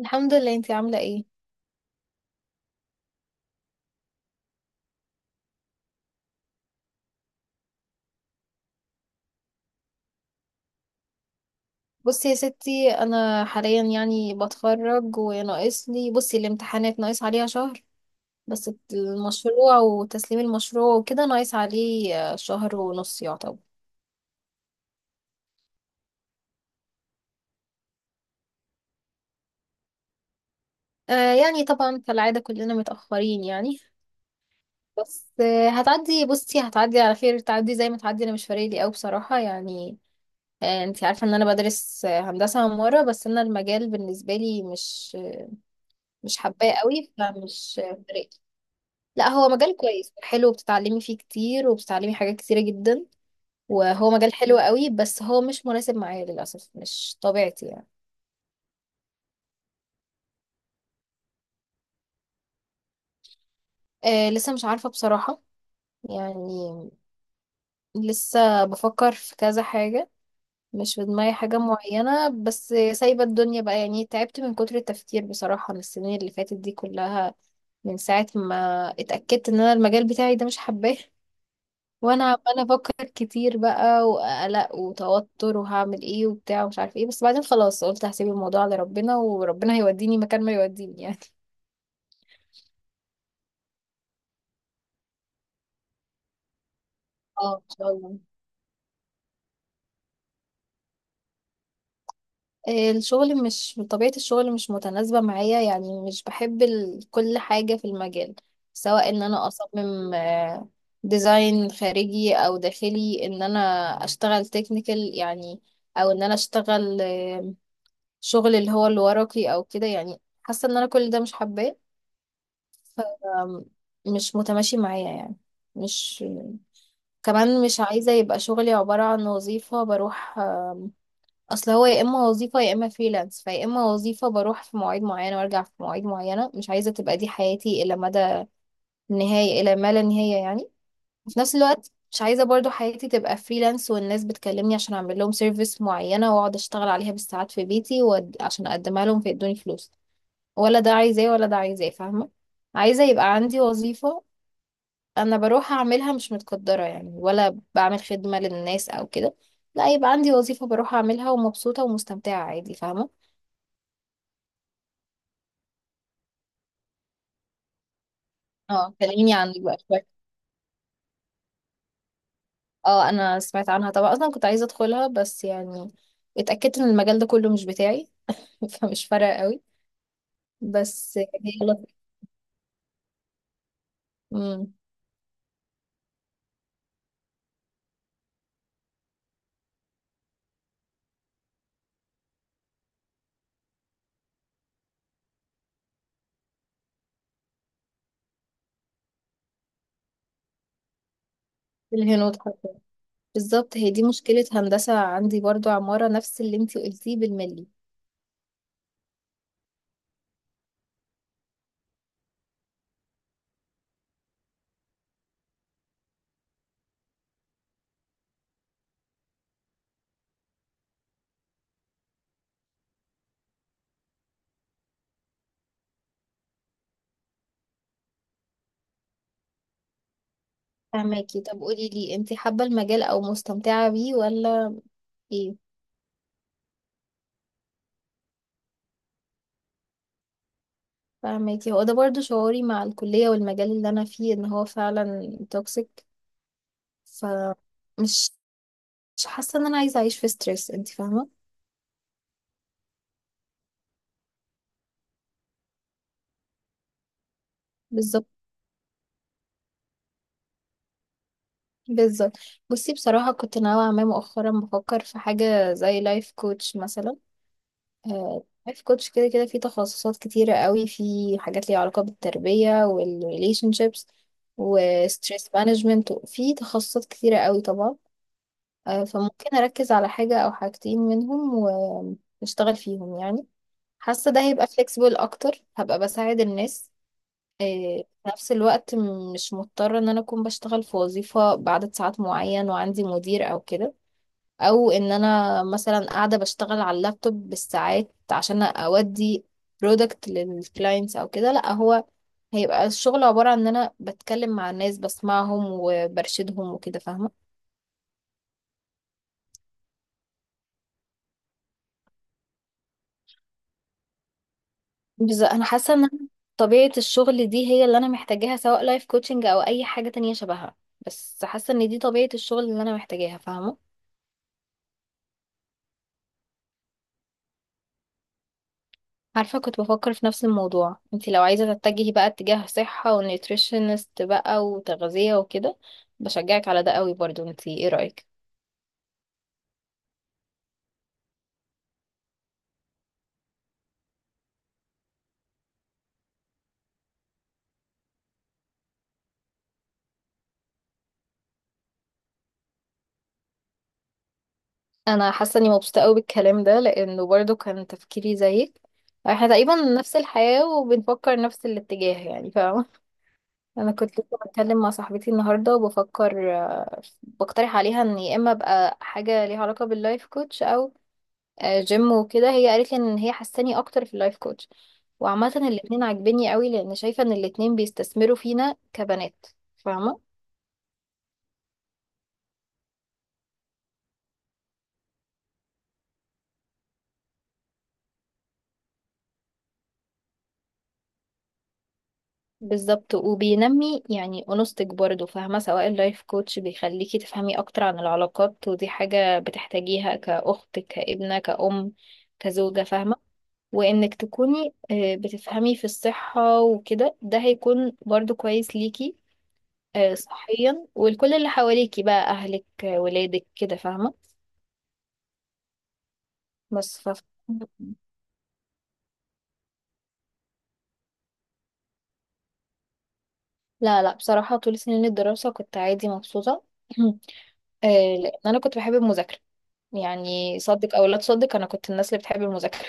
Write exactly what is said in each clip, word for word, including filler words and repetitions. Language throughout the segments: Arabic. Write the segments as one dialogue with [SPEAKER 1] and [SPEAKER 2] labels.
[SPEAKER 1] الحمد لله، انتي عاملة ايه؟ بصي يا ستي انا حاليا يعني بتخرج وناقص لي، بصي الامتحانات ناقص عليها شهر. بس المشروع وتسليم المشروع وكده ناقص عليه آه، شهر ونص يعتبر. آه يعني طبعا كالعادة كلنا متأخرين يعني. بس آه هتعدي، بصي هتعدي على خير، تعدي زي ما تعدي انا مش فارق لي قوي بصراحة يعني. آه انتي عارفة ان انا بدرس آه، هندسة عمارة، بس انا المجال بالنسبة لي مش مش حباه قوي، فمش فارق. لا هو مجال كويس حلو، بتتعلمي فيه كتير وبتتعلمي حاجات كتيرة جدا، وهو مجال حلو قوي بس هو مش مناسب معايا للأسف، مش طبيعتي يعني. آه لسه مش عارفة بصراحة يعني. لسه بفكر في كذا حاجة، مش في دماغي حاجة معينة، بس سايبة الدنيا بقى يعني، تعبت من كتر التفكير بصراحة من السنين اللي فاتت دي كلها، من ساعة ما اتأكدت ان انا المجال بتاعي ده مش حباه. وانا عماله افكر كتير بقى، وقلق وتوتر وهعمل ايه وبتاع ومش عارف ايه، بس بعدين خلاص قلت هسيب الموضوع لربنا، وربنا هيوديني مكان ما يوديني يعني. اه ان شاء الله. آه، الشغل، مش طبيعة الشغل مش متناسبة معايا يعني، مش بحب ال... كل حاجة في المجال، سواء ان انا اصمم آه، ديزاين خارجي او داخلي، ان انا اشتغل تكنيكال يعني، او ان انا اشتغل آه، شغل اللي هو الورقي او كده يعني، حاسة ان انا كل ده مش حباه، مش متماشي معايا يعني. مش كمان مش عايزة يبقى شغلي عبارة عن وظيفة بروح. اصل هو يا اما وظيفة يا اما فريلانس، فيا اما وظيفة بروح في مواعيد معينة وارجع في مواعيد معينة، مش عايزة تبقى دي حياتي الى مدى النهاية الى ما لا نهاية يعني. في نفس الوقت مش عايزة برضو حياتي تبقى فريلانس والناس بتكلمني عشان اعمل لهم سيرفيس معينة واقعد اشتغل عليها بالساعات في بيتي، وعشان عشان اقدمها لهم فيدوني فلوس. ولا ده عايزاه ولا ده عايزاه، فاهمة؟ عايزة يبقى عندي وظيفة انا بروح اعملها، مش متقدرة يعني ولا بعمل خدمة للناس او كده، لا يبقى عندي وظيفة بروح اعملها ومبسوطة ومستمتعة عادي، فاهمة؟ اه كلميني عنك بقى شوية. اه انا سمعت عنها طبعا، اصلا كنت عايزة ادخلها بس يعني اتأكدت ان المجال ده كله مش بتاعي. فمش فارقة قوي. بس هي لطيفة. امم. الهنود حرفيا، بالظبط هي دي مشكلة هندسة عندي برضو عمارة، نفس اللي انتي قلتيه بالملي. فهماكي؟ طب قولي لي انتي حابة المجال او مستمتعة بيه ولا ايه؟ فاهماكي، هو ده برضو شعوري مع الكلية والمجال اللي أنا فيه، إن هو فعلا توكسيك. فمش، مش حاسة إن أنا عايزة أعيش في ستريس، أنت فاهمة؟ بالظبط، بالظبط. بصي بصراحة كنت ناوية، ما مؤخرا بفكر في حاجة زي لايف كوتش مثلا. لايف كوتش كده كده في تخصصات كتيرة قوي، في حاجات ليها علاقة بالتربية والريليشن شيبس وستريس مانجمنت، في تخصصات كتيرة قوي طبعا. آه، فممكن أركز على حاجة أو حاجتين منهم و... اشتغل فيهم يعني. حاسة ده هيبقى flexible اكتر، هبقى بساعد الناس. إيه، في نفس الوقت م- مش مضطرة ان انا اكون بشتغل في وظيفة بعدد ساعات معين وعندي مدير او كده، او ان انا مثلا قاعدة بشتغل على اللابتوب بالساعات عشان اودي برودكت للكلاينتس او كده. لا هو هيبقى الشغل عبارة عن ان انا بتكلم مع الناس، بسمعهم وبرشدهم وكده، فاهمة؟ بس انا حاسه ان أنا طبيعه الشغل دي هي اللي انا محتاجاها، سواء لايف كوتشنج او اي حاجه تانية شبهها، بس حاسه ان دي طبيعه الشغل اللي انا محتاجاها، فاهمه؟ عارفه كنت بفكر في نفس الموضوع. انت لو عايزه تتجهي بقى اتجاه صحه ونيوتريشنست بقى وتغذيه وكده، بشجعك على ده قوي برضو، انت ايه رايك؟ انا حاسه اني مبسوطه قوي بالكلام ده لانه برضو كان تفكيري زيك. احنا تقريبا نفس الحياه وبنفكر نفس الاتجاه يعني، فاهمه؟ انا كنت لسه بتكلم مع صاحبتي النهارده وبفكر، آه، بقترح عليها ان يا اما ابقى حاجه ليها علاقه باللايف كوتش او آه، جيم وكده، هي قالت لي ان هي حاساني اكتر في اللايف كوتش. وعامه الاتنين عاجبني قوي، لان شايفه ان الاتنين بيستثمروا فينا كبنات، فاهمه؟ بالظبط، وبينمي يعني انوثتك برضه، فاهمه؟ سواء اللايف كوتش بيخليكي تفهمي اكتر عن العلاقات، ودي حاجه بتحتاجيها كاخت كابنه كأم كزوجه، فاهمه؟ وانك تكوني آه، بتفهمي في الصحة وكده، ده هيكون برضو كويس ليكي آه، صحيا ولكل اللي حواليكي بقى، اهلك آه، ولادك كده، فاهمة؟ بس ف... لا لا بصراحة طول سنين الدراسة كنت عادي مبسوطة. آه، لأن أنا كنت بحب المذاكرة. يعني صدق أو لا تصدق أنا كنت الناس اللي بتحب المذاكرة.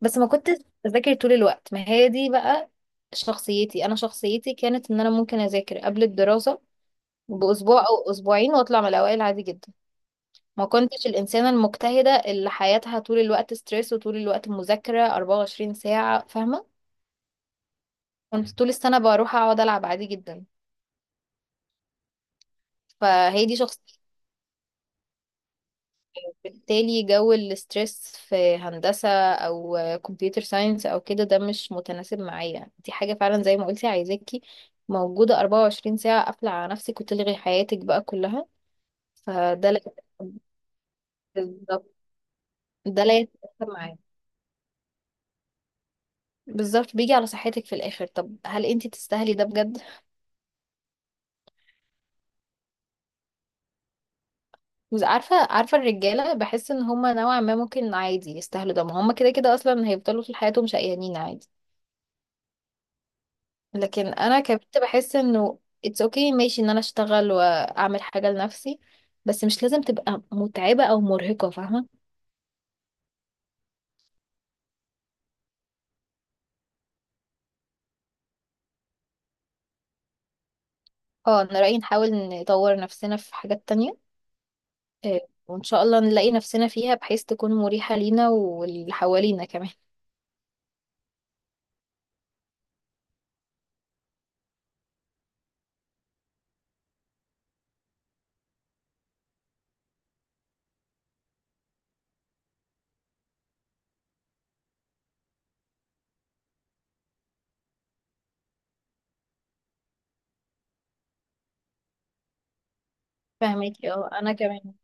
[SPEAKER 1] بس ما كنتش بذاكر طول الوقت، ما هي دي بقى شخصيتي. أنا شخصيتي كانت إن أنا ممكن أذاكر قبل الدراسة بأسبوع أو أسبوعين وأطلع من الأوائل عادي جدا. ما كنتش الإنسانة المجتهدة اللي حياتها طول الوقت ستريس وطول الوقت مذاكرة أربعة وعشرين ساعة، فاهمة؟ كنت طول السنة بروح أقعد ألعب عادي جدا. فهي دي شخصيتي. بالتالي جو الستريس في هندسة أو كمبيوتر ساينس أو كده، ده مش متناسب معايا، دي حاجة فعلا زي ما قلتي عايزاكي موجودة أربعة وعشرين ساعة قافلة على نفسك وتلغي حياتك بقى كلها. فده لا، بالظبط. ده لا يتناسب معايا. بالظبط، بيجي على صحتك في الآخر، طب هل انتي تستاهلي ده بجد؟ بس عارفة، عارفة الرجالة بحس ان هما نوعا ما ممكن عادي يستاهلوا ده، ما هما كده كده اصلا هيفضلوا طول حياتهم شقيانين عادي. لكن انا كبنت بحس انه it's okay ماشي ان انا اشتغل واعمل حاجة لنفسي، بس مش لازم تبقى متعبة او مرهقة، فاهمة؟ اه انا رأيي نحاول نطور نفسنا في حاجات تانية، آه، وان شاء الله نلاقي نفسنا فيها بحيث تكون مريحة لينا واللي حوالينا كمان. فاهمكي؟ اه انا كمان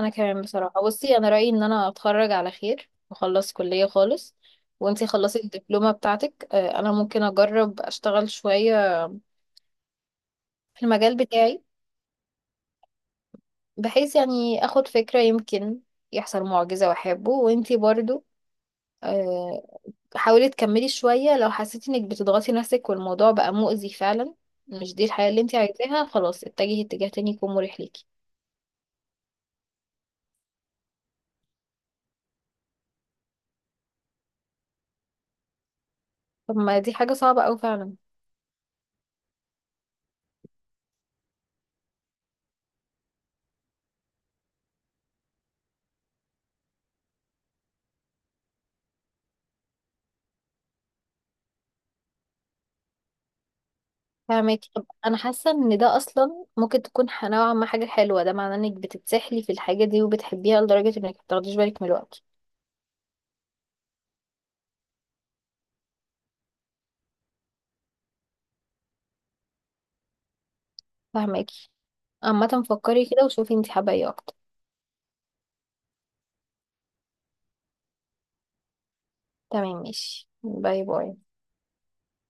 [SPEAKER 1] انا كمان بصراحه، بصي انا رايي ان انا اتخرج على خير واخلص كليه خالص، وانتي خلصي الدبلومه بتاعتك. آه، انا ممكن اجرب اشتغل شويه في المجال بتاعي، بحيث يعني اخد فكره، يمكن يحصل معجزه واحبه. وانتي برضو آه، حاولي تكملي شويه، لو حسيتي انك بتضغطي نفسك والموضوع بقى مؤذي فعلا، مش دي الحياه اللي انتي عايزاها، خلاص اتجهي اتجاه تاني يكون مريح ليكي. طب ما دي حاجه صعبه اوي فعلا. فاهمك. طب انا حاسه ان ده اصلا ممكن تكون ح- نوعا ما حاجه حلوه، ده معناه انك بتتسحلي في الحاجه دي وبتحبيها لدرجه انك متاخديش بالك من الوقت. فاهمك. عامه فكري كده وشوفي انت حابه ايه اكتر. تمام ماشي، باي باي.